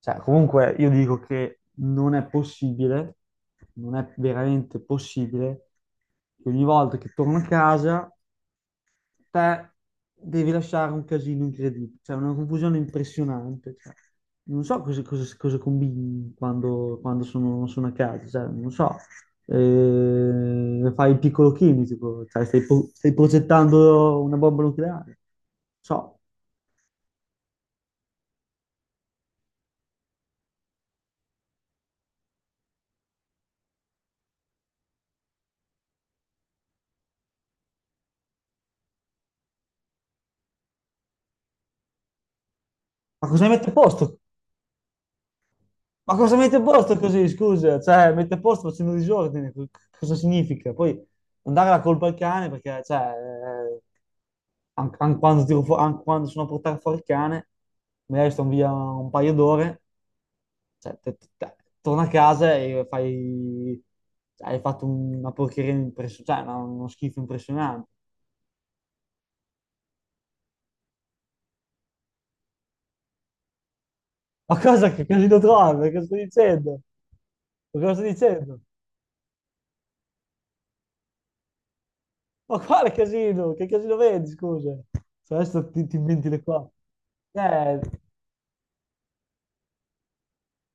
Comunque, io dico che non è possibile, non è veramente possibile che ogni volta che torno a casa te devi lasciare un casino incredibile, cioè una confusione impressionante. Non so cosa combini quando sono a casa, cioè, non so, fai il piccolo chimico, cioè, stai progettando una bomba nucleare, non so, ma cosa hai messo a posto? Ma cosa mette a posto così, scusa? Cioè, mette a posto facendo disordine, cosa significa? Poi non dare la colpa al cane perché, cioè, quando, tiro fu- an- quando sono a portare fuori il cane, magari sto via un paio d'ore, cioè, torna a casa e fai... cioè, hai fatto una porcheria impressionante, cioè, uno schifo impressionante. Ma cosa che così lo trovi? Cosa sto dicendo? Ma cosa sto dicendo? Ma quale casino? Che casino vedi, scusa? Se adesso ti inventi le cose. Eh,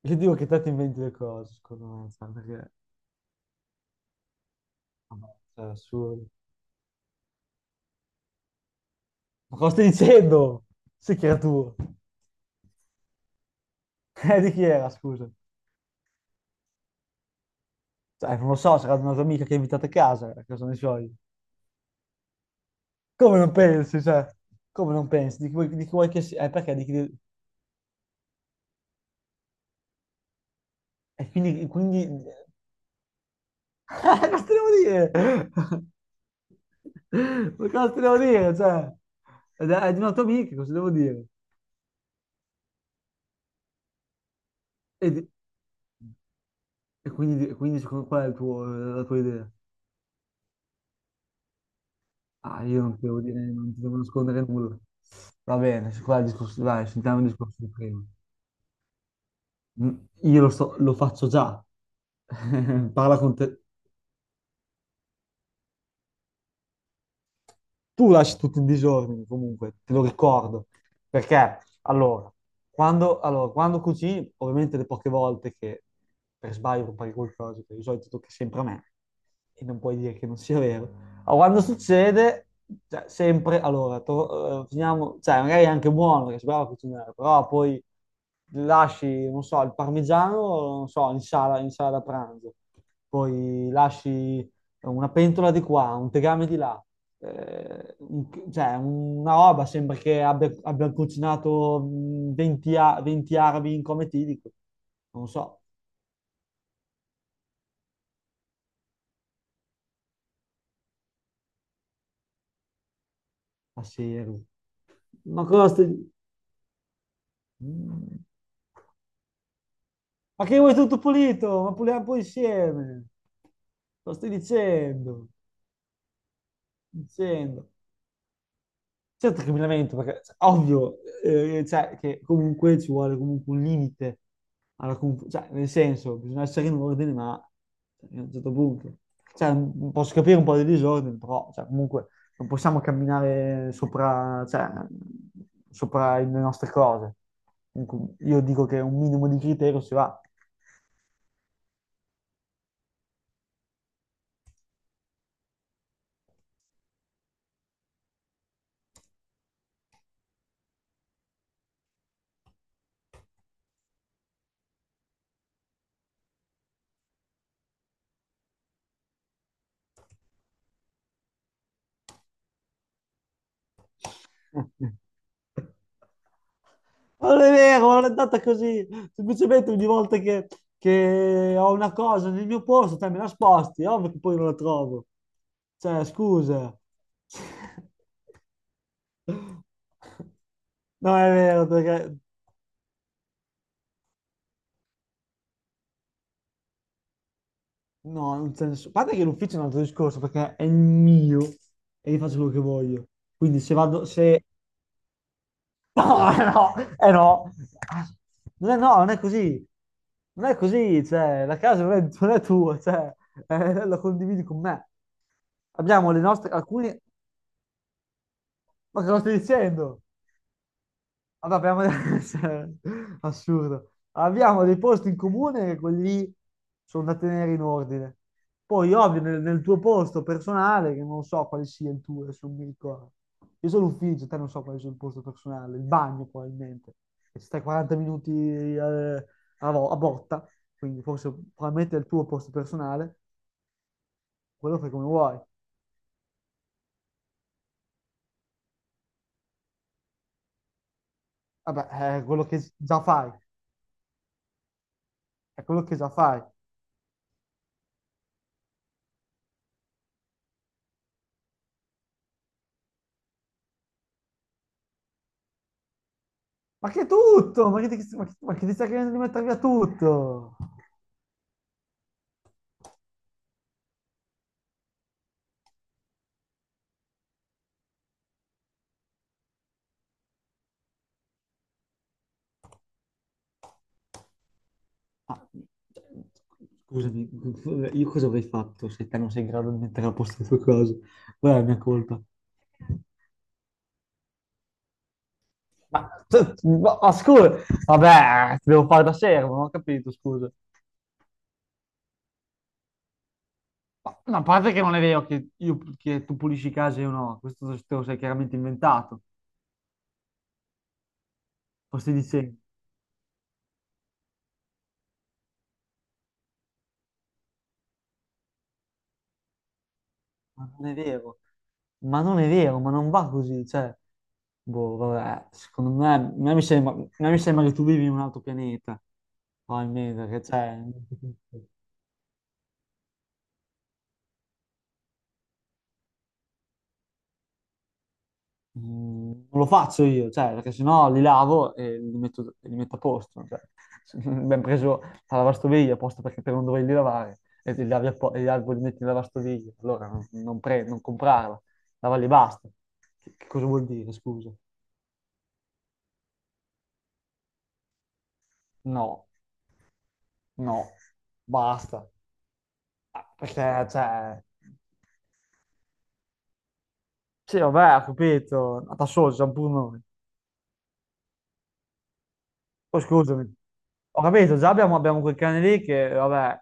io dico che te ti inventi le cose, secondo me, cioè, perché... Vabbè, cioè, è assurdo. Ma cosa stai dicendo? Sì che era tuo. Di chi era, scusa? Cioè, non lo so, sarà di una tua amica che hai invitato a casa ne so io. Come non pensi, cioè? Come non pensi? Di chi vuoi che sia? Perché? Di chi... E quindi... quindi... Cosa devo dire? Ma cosa ti devo dire? Cioè, è di una tua amica, cosa devo dire? E, di- e quindi, e quindi qual è la tua idea? Ah, io non ti devo dire, non ti devo nascondere nulla. Va bene, qua il discorso, dai, sentiamo il discorso di prima. Mm, io lo faccio già. Parla con te, tu lasci tutto in disordine comunque, te lo ricordo. Perché, allora, allora, quando cucini, ovviamente le poche volte che per sbaglio compari qualcosa, che di solito tocca sempre a me, e non puoi dire che non sia vero. Ma quando succede, cioè, sempre, allora, finiamo, cioè, magari è anche buono, perché si brava a cucinare, però poi lasci, non so, il parmigiano, non so, in sala da pranzo, poi lasci una pentola di qua, un tegame di là, eh, un- cioè una roba, sembra che abbia cucinato 20, 20 arabi in cometidico. Non so, ma serio. Ma cosa stai... Mm. Ma che vuoi tutto pulito? Ma puliamo poi insieme. Lo stai dicendo? Dicendo. Certo che mi lamento, perché cioè, ovvio, cioè, che comunque ci vuole comunque un limite alla cioè, nel senso, bisogna essere in ordine, ma cioè, a un certo punto. Cioè, posso capire un po' di disordine, però cioè, comunque non possiamo camminare sopra, cioè, sopra le nostre cose. Comunque, io dico che un minimo di criterio si va. Ma non è vero, ma non è andata così. Semplicemente ogni volta che ho una cosa nel mio posto, te me la sposti, è ovvio che poi non la trovo. Cioè, scusa. No, è vero, perché... No, non c'è nessuno. A parte che l'ufficio è un altro discorso, perché è il mio e io faccio quello che voglio. Quindi se vado, se no, non è, no, non è così, non è così, cioè, la casa non è, non è tua, cioè, la condividi con me. Abbiamo le nostre, alcuni, ma cosa stai dicendo? Vabbè, abbiamo... cioè, assurdo. Abbiamo dei posti in comune che quelli sono da tenere in ordine. Poi, ovvio, nel tuo posto personale, che non so quale sia il tuo, adesso non mi ricordo. Io sono l'ufficio, te non so quale sia il posto personale, il bagno probabilmente. E ci stai 40 minuti a botta, quindi forse probabilmente è il tuo posto personale, quello fai come vuoi. Vabbè, è quello che già fai, è quello che già fai. Ma che tutto? Ma che ti stai chiedendo di mettere via tutto? Ah, scusami, io cosa avrei fatto se te non sei in grado di mettere a posto le tue cose? Qual è la mia colpa? Ma, cioè, ma scusa, vabbè, ti devo fare da servo, non ho capito, scusa. Ma a parte che non è vero che, che tu pulisci i casi o no, questo te lo sei chiaramente inventato, lo stai dicendo. Ma non è vero, ma non è vero, ma non va così, cioè, boh, vabbè, secondo me, a me mi sembra, a me mi sembra che tu vivi in un altro pianeta, probabilmente, perché, cioè, non lo faccio io, cioè, perché sennò li lavo e li metto a posto, cioè, abbiamo preso la lavastoviglie apposta perché per non doverli lavare, e li lavi a po- e gli alberi li metti in lavastoviglie, allora non comprarla, lavarli e basta. Che cosa vuol dire, scusa? No, no, basta. Perché, cioè, sì, vabbè, ho capito, ma da solo siamo pure noi. Poi scusami, ho capito, già abbiamo, abbiamo quel cane lì che, vabbè,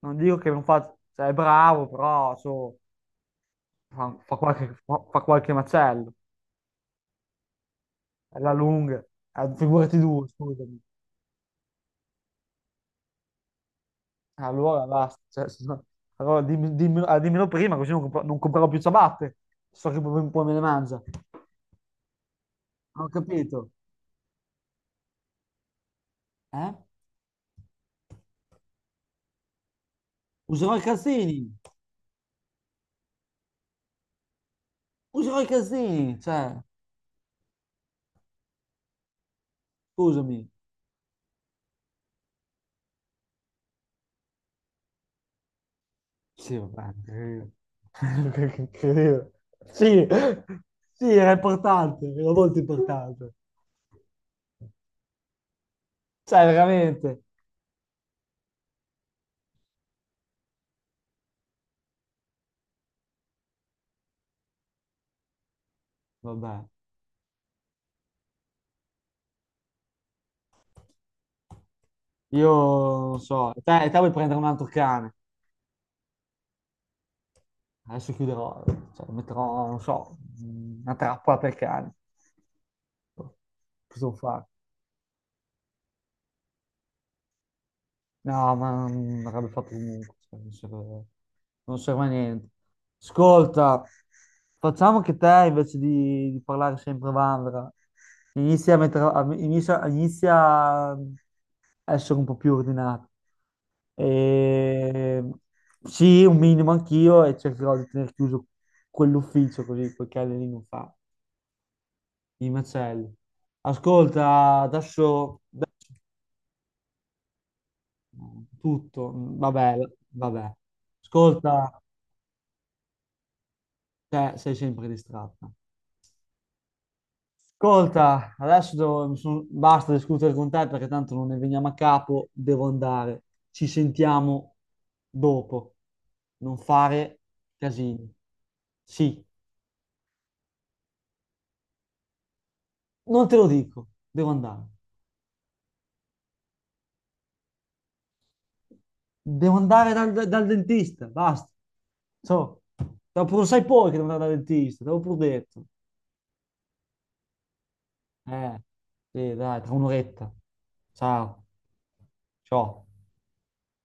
non dico che non fa, cioè, è bravo, però, so, fa qualche macello, è la lunga, eh, figurati due, scusami. Allora, basta, cioè, se no- allora dimmelo prima, così non, non comprerò più ciabatte, so che poi, poi me le mangia. Ho capito, eh? Userò i calzini, userò i calzini, cioè... Scusami. Sì, vabbè. Eh. Incredibile. Sì, sì, era importante, era molto importante. Cioè, veramente. Vabbè. Io non so. Te, te vuoi prendere un altro cane? Adesso chiuderò. Cioè, metterò, non so, una trappola per cani. Cosa devo fare? No, ma non avrebbe fatto comunque, cioè, non serve, non serve a niente. Ascolta, facciamo che te invece di parlare sempre Vandra, inizia a, mettere, a- inizia, inizia a essere un po' più ordinato. E, sì, un minimo anch'io e cercherò di tenere chiuso quell'ufficio così quel cane lì non fa i macelli. Ascolta, adesso tutto, vabbè, vabbè. Ascolta. Cioè, sei sempre distratta. Ascolta, adesso basta discutere con te perché tanto non ne veniamo a capo, devo andare. Ci sentiamo dopo. Non fare casini. Sì, non te lo dico, devo andare. Devo andare dal, dal dentista, basta. So, dopo lo sai poi che devo andare dal dentista, te l'ho pure detto. Eh, sì, dai, tra un'oretta. Ciao. Ciao.